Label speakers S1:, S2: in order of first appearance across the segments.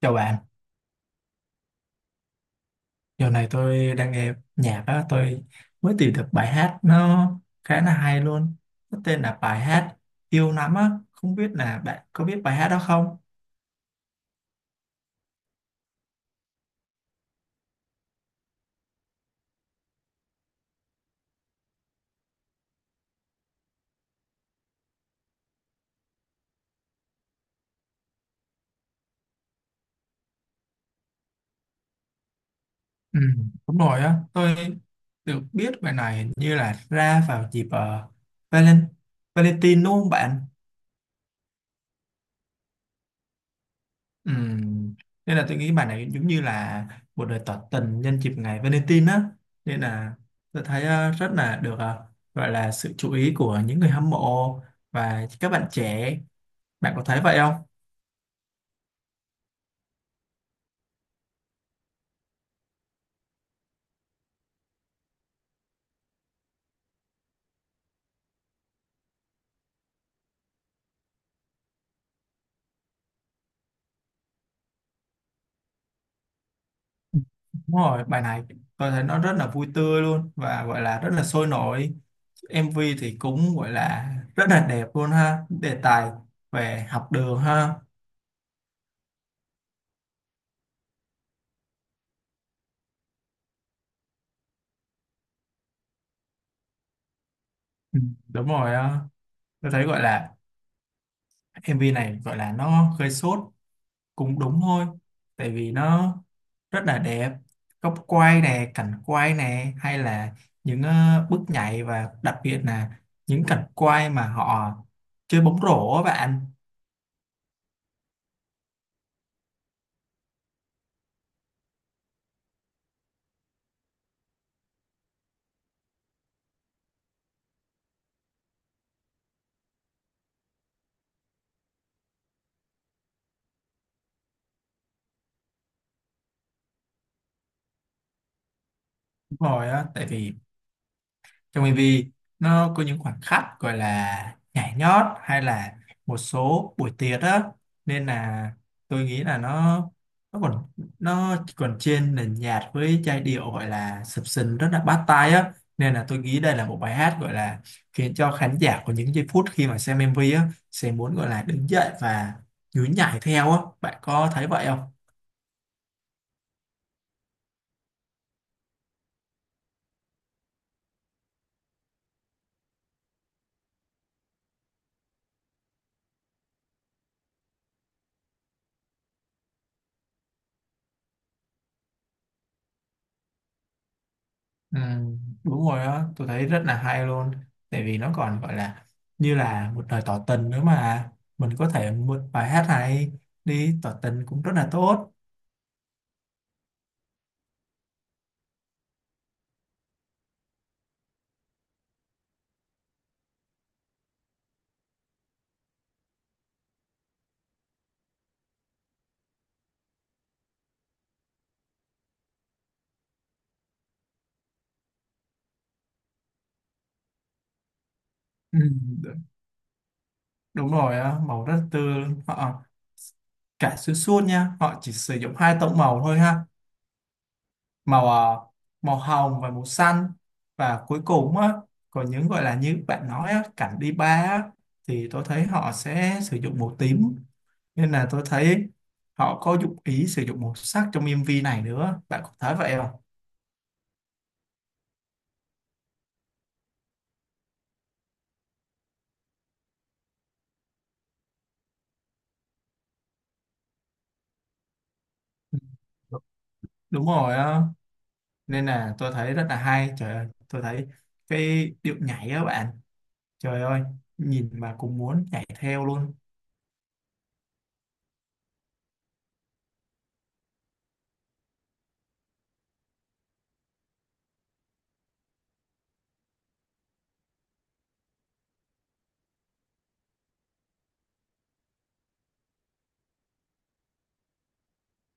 S1: Chào bạn, giờ này tôi đang nghe nhạc á, tôi mới tìm được bài hát nó khá là hay luôn. Nó tên là bài hát Yêu Lắm á, không biết là bạn có biết bài hát đó không? Ừ, đúng rồi á, tôi được biết bài này hình như là ra vào dịp Valen Valentine đúng không bạn? Ừ. Nên là tôi nghĩ bài này giống như là một lời tỏ tình nhân dịp ngày Valentine á, nên là tôi thấy rất là được, gọi là sự chú ý của những người hâm mộ và các bạn trẻ. Bạn có thấy vậy không? Đúng rồi, bài này tôi thấy nó rất là vui tươi luôn và gọi là rất là sôi nổi. MV thì cũng gọi là rất là đẹp luôn ha, đề tài về học đường ha. Ừ, đúng rồi Tôi thấy gọi là MV này gọi là nó gây sốt cũng đúng thôi, tại vì nó rất là đẹp, góc quay nè, cảnh quay nè, hay là những bước nhảy, và đặc biệt là những cảnh quay mà họ chơi bóng rổ á bạn. Đúng rồi á, tại vì trong MV nó có những khoảnh khắc gọi là nhảy nhót hay là một số buổi tiệc á, nên là tôi nghĩ là nó còn nó chỉ còn trên nền nhạc với giai điệu gọi là sập sình rất là bắt tai á. Nên là tôi nghĩ đây là một bài hát gọi là khiến cho khán giả có những giây phút khi mà xem MV á sẽ muốn gọi là đứng dậy và nhún nhảy theo á. Bạn có thấy vậy không? Ừ, đúng rồi á, tôi thấy rất là hay luôn, tại vì nó còn gọi là như là một lời tỏ tình nữa mà mình có thể mượn bài hát này đi tỏ tình cũng rất là tốt. Ừ, đ- đúng rồi á, màu rất tươi, họ cả xuyên suốt nha, họ chỉ sử dụng hai tông màu thôi ha, màu à, màu hồng và màu xanh. Và cuối cùng á, còn những gọi là như bạn nói á, cảnh đi ba á, thì tôi thấy họ sẽ sử dụng màu tím. Nên là tôi thấy họ có dụng ý sử dụng màu sắc trong MV này nữa. Bạn có thấy vậy không? Ừ, đúng rồi á, nên là tôi thấy rất là hay. Trời ơi, tôi thấy cái điệu nhảy á bạn, trời ơi, nhìn mà cũng muốn nhảy theo luôn.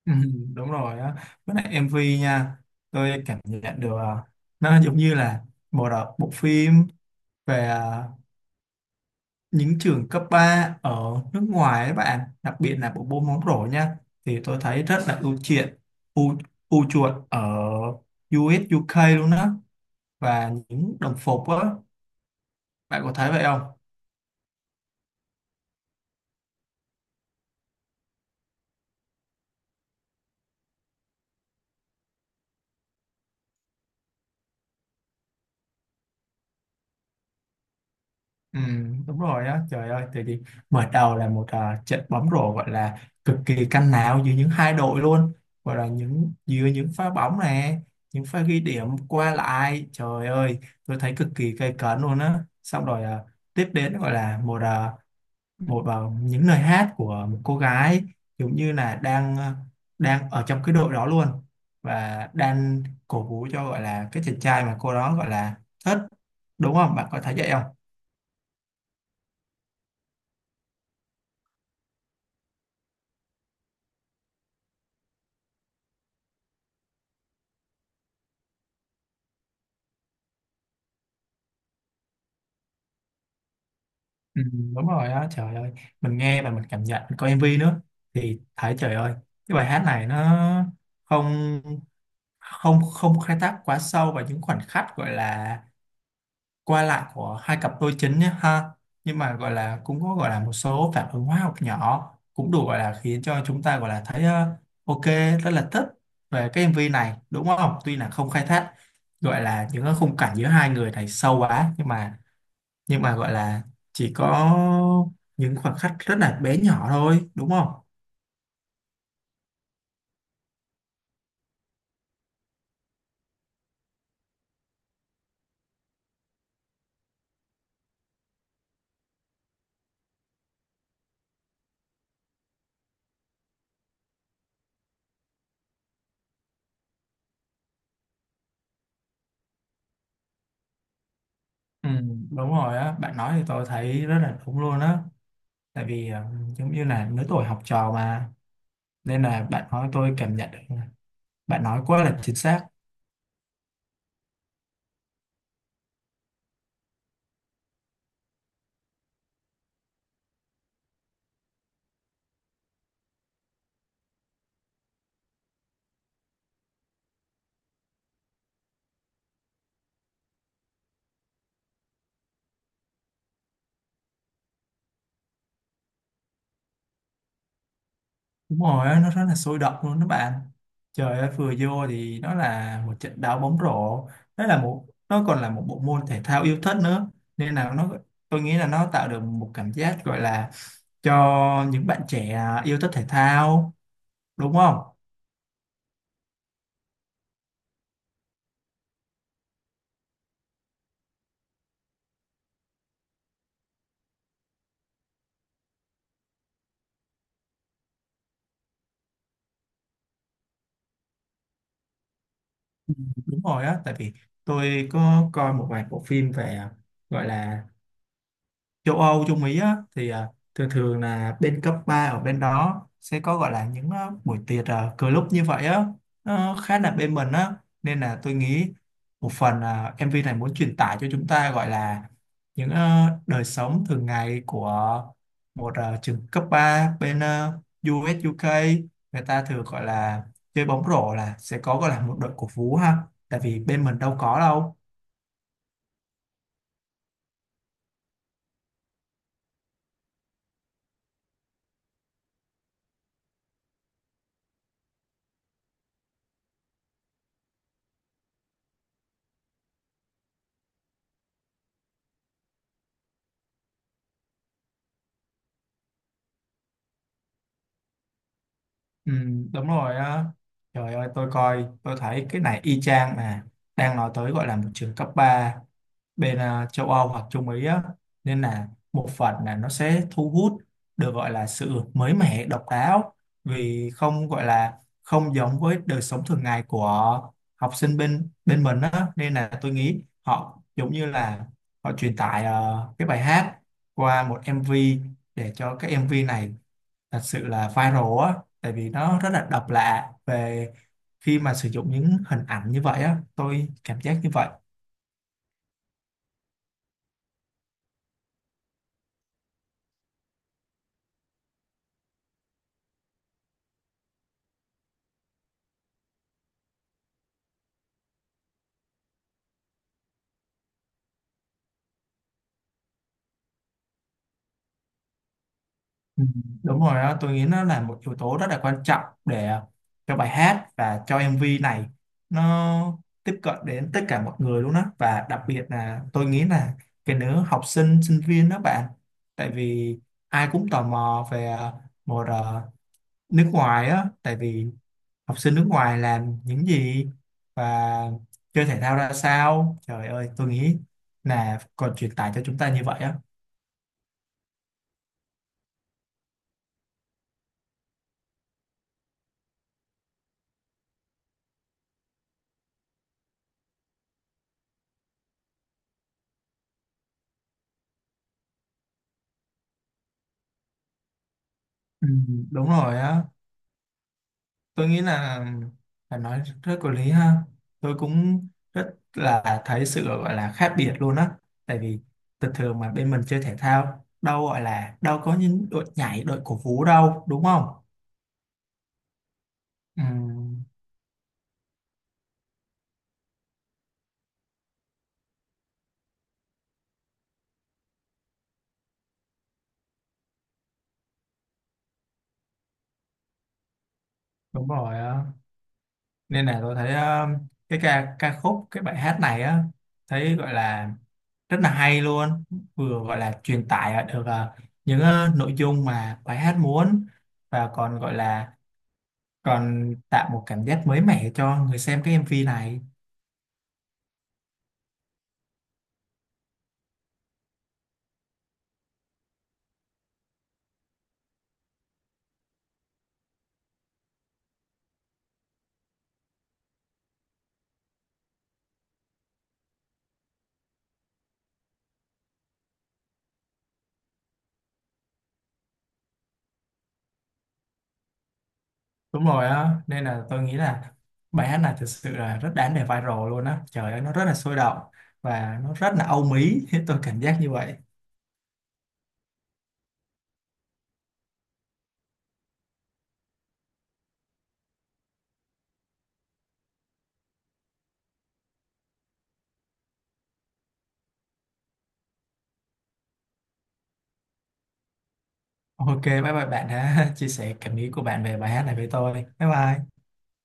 S1: Ừ, đúng rồi á, với lại MV nha, tôi cảm nhận được nó giống như là bộ phim về những trường cấp 3 ở nước ngoài ấy bạn, đặc biệt là bộ môn bóng rổ nha, thì tôi thấy rất là ưu chuộng, ưu, ưu chuộng ở u ét u UK luôn á, và những đồng phục á. Bạn có thấy vậy không? Ừ, đúng rồi á. Trời ơi, tại vì mở đầu là trận bóng rổ gọi là cực kỳ căng não giữa những hai đội luôn, gọi là giữa những pha bóng này, những pha ghi điểm qua lại. Trời ơi, tôi thấy cực kỳ gay cấn luôn á. Xong rồi tiếp đến gọi là một à, những lời hát của một cô gái giống như là đang ở trong cái đội đó luôn, và đang cổ vũ cho gọi là cái chàng trai mà cô đó gọi là thích, đúng không, bạn có thấy vậy không? Ừ, đúng rồi á. Trời ơi, mình nghe và mình cảm nhận, mình coi MV nữa thì thấy trời ơi cái bài hát này nó không không không khai thác quá sâu vào những khoảnh khắc gọi là qua lại của hai cặp đôi chính nhé ha, nhưng mà gọi là cũng có gọi là một số phản ứng hóa học nhỏ cũng đủ gọi là khiến cho chúng ta gọi là thấy ok, rất là thích về cái MV này đúng không. Tuy là không khai thác gọi là những cái khung cảnh giữa hai người này sâu quá, nhưng mà gọi là chỉ có những khoảnh khắc rất là bé nhỏ thôi đúng không. Ừ, đúng rồi á, bạn nói thì tôi thấy rất là đúng luôn á. Tại vì giống như là lứa tuổi học trò mà, nên là bạn nói tôi cảm nhận được, bạn nói quá là chính xác. Đúng rồi á, nó rất là sôi động luôn đó bạn. Trời ơi, vừa vô thì nó là một trận đá bóng rổ, nó là một, nó còn là một bộ môn thể thao yêu thích nữa. Nên là tôi nghĩ là nó tạo được một cảm giác gọi là cho những bạn trẻ yêu thích thể thao, đúng không. Đúng rồi á, tại vì tôi có coi một vài bộ phim về gọi là châu Âu, châu Mỹ á, thì thường thường là bên cấp 3 ở bên đó sẽ có gọi là những buổi tiệc, cờ lúc như vậy á, nó khá là bên mình á. Nên là tôi nghĩ một phần MV này muốn truyền tải cho chúng ta gọi là những đời sống thường ngày của trường cấp 3 bên à, u u UK, người ta thường gọi là chơi bóng rổ là sẽ có gọi là một đội cổ vũ ha, tại vì bên mình đâu có đâu. Ừ, đúng rồi á. Trời ơi, tôi coi, tôi thấy cái này y chang mà đang nói tới gọi là một trường cấp 3 bên châu Âu hoặc Trung Mỹ á. Nên là một phần là nó sẽ thu hút được gọi là sự mới mẻ, độc đáo, vì không gọi là không giống với đời sống thường ngày của học sinh bên bên mình á. Nên là tôi nghĩ họ giống như là họ truyền tải cái bài hát qua một MV, để cho cái MV này thật sự là viral á, tại vì nó rất là độc lạ về khi mà sử dụng những hình ảnh như vậy á, tôi cảm giác như vậy. Ừ, đúng rồi á, tôi nghĩ nó là một yếu tố rất là quan trọng để cho bài hát và cho MV này, nó tiếp cận đến tất cả mọi người luôn á. Và đặc biệt là tôi nghĩ là cái nữ học sinh sinh viên đó bạn, tại vì ai cũng tò mò về một nước ngoài á, tại vì học sinh nước ngoài làm những gì và chơi thể thao ra sao. Trời ơi, tôi nghĩ là còn truyền tải cho chúng ta như vậy á. Ừ, đúng rồi á, tôi nghĩ là nói rất có lý ha. Tôi cũng rất là thấy sự gọi là khác biệt luôn á, tại vì thường thường mà bên mình chơi thể thao đâu gọi là đâu có những đội nhảy, đội cổ vũ đâu, đúng không. Ừ, đúng rồi á, nên là tôi thấy ờ, cái ca ca khúc cái bài hát này á, thấy gọi là rất là hay luôn, vừa gọi là truyền tải được những nội dung mà bài hát muốn, và còn gọi là còn tạo một cảm giác mới mẻ cho người xem cái MV này. Đúng rồi á, nên là tôi nghĩ là bài hát này thực sự là rất đáng để viral luôn á. Trời ơi, nó rất là sôi động và nó rất là âu mỹ tôi cảm giác như vậy. Ok, bye bye bạn đã chia sẻ cảm nghĩ của bạn về bài hát này với tôi. Bye bye.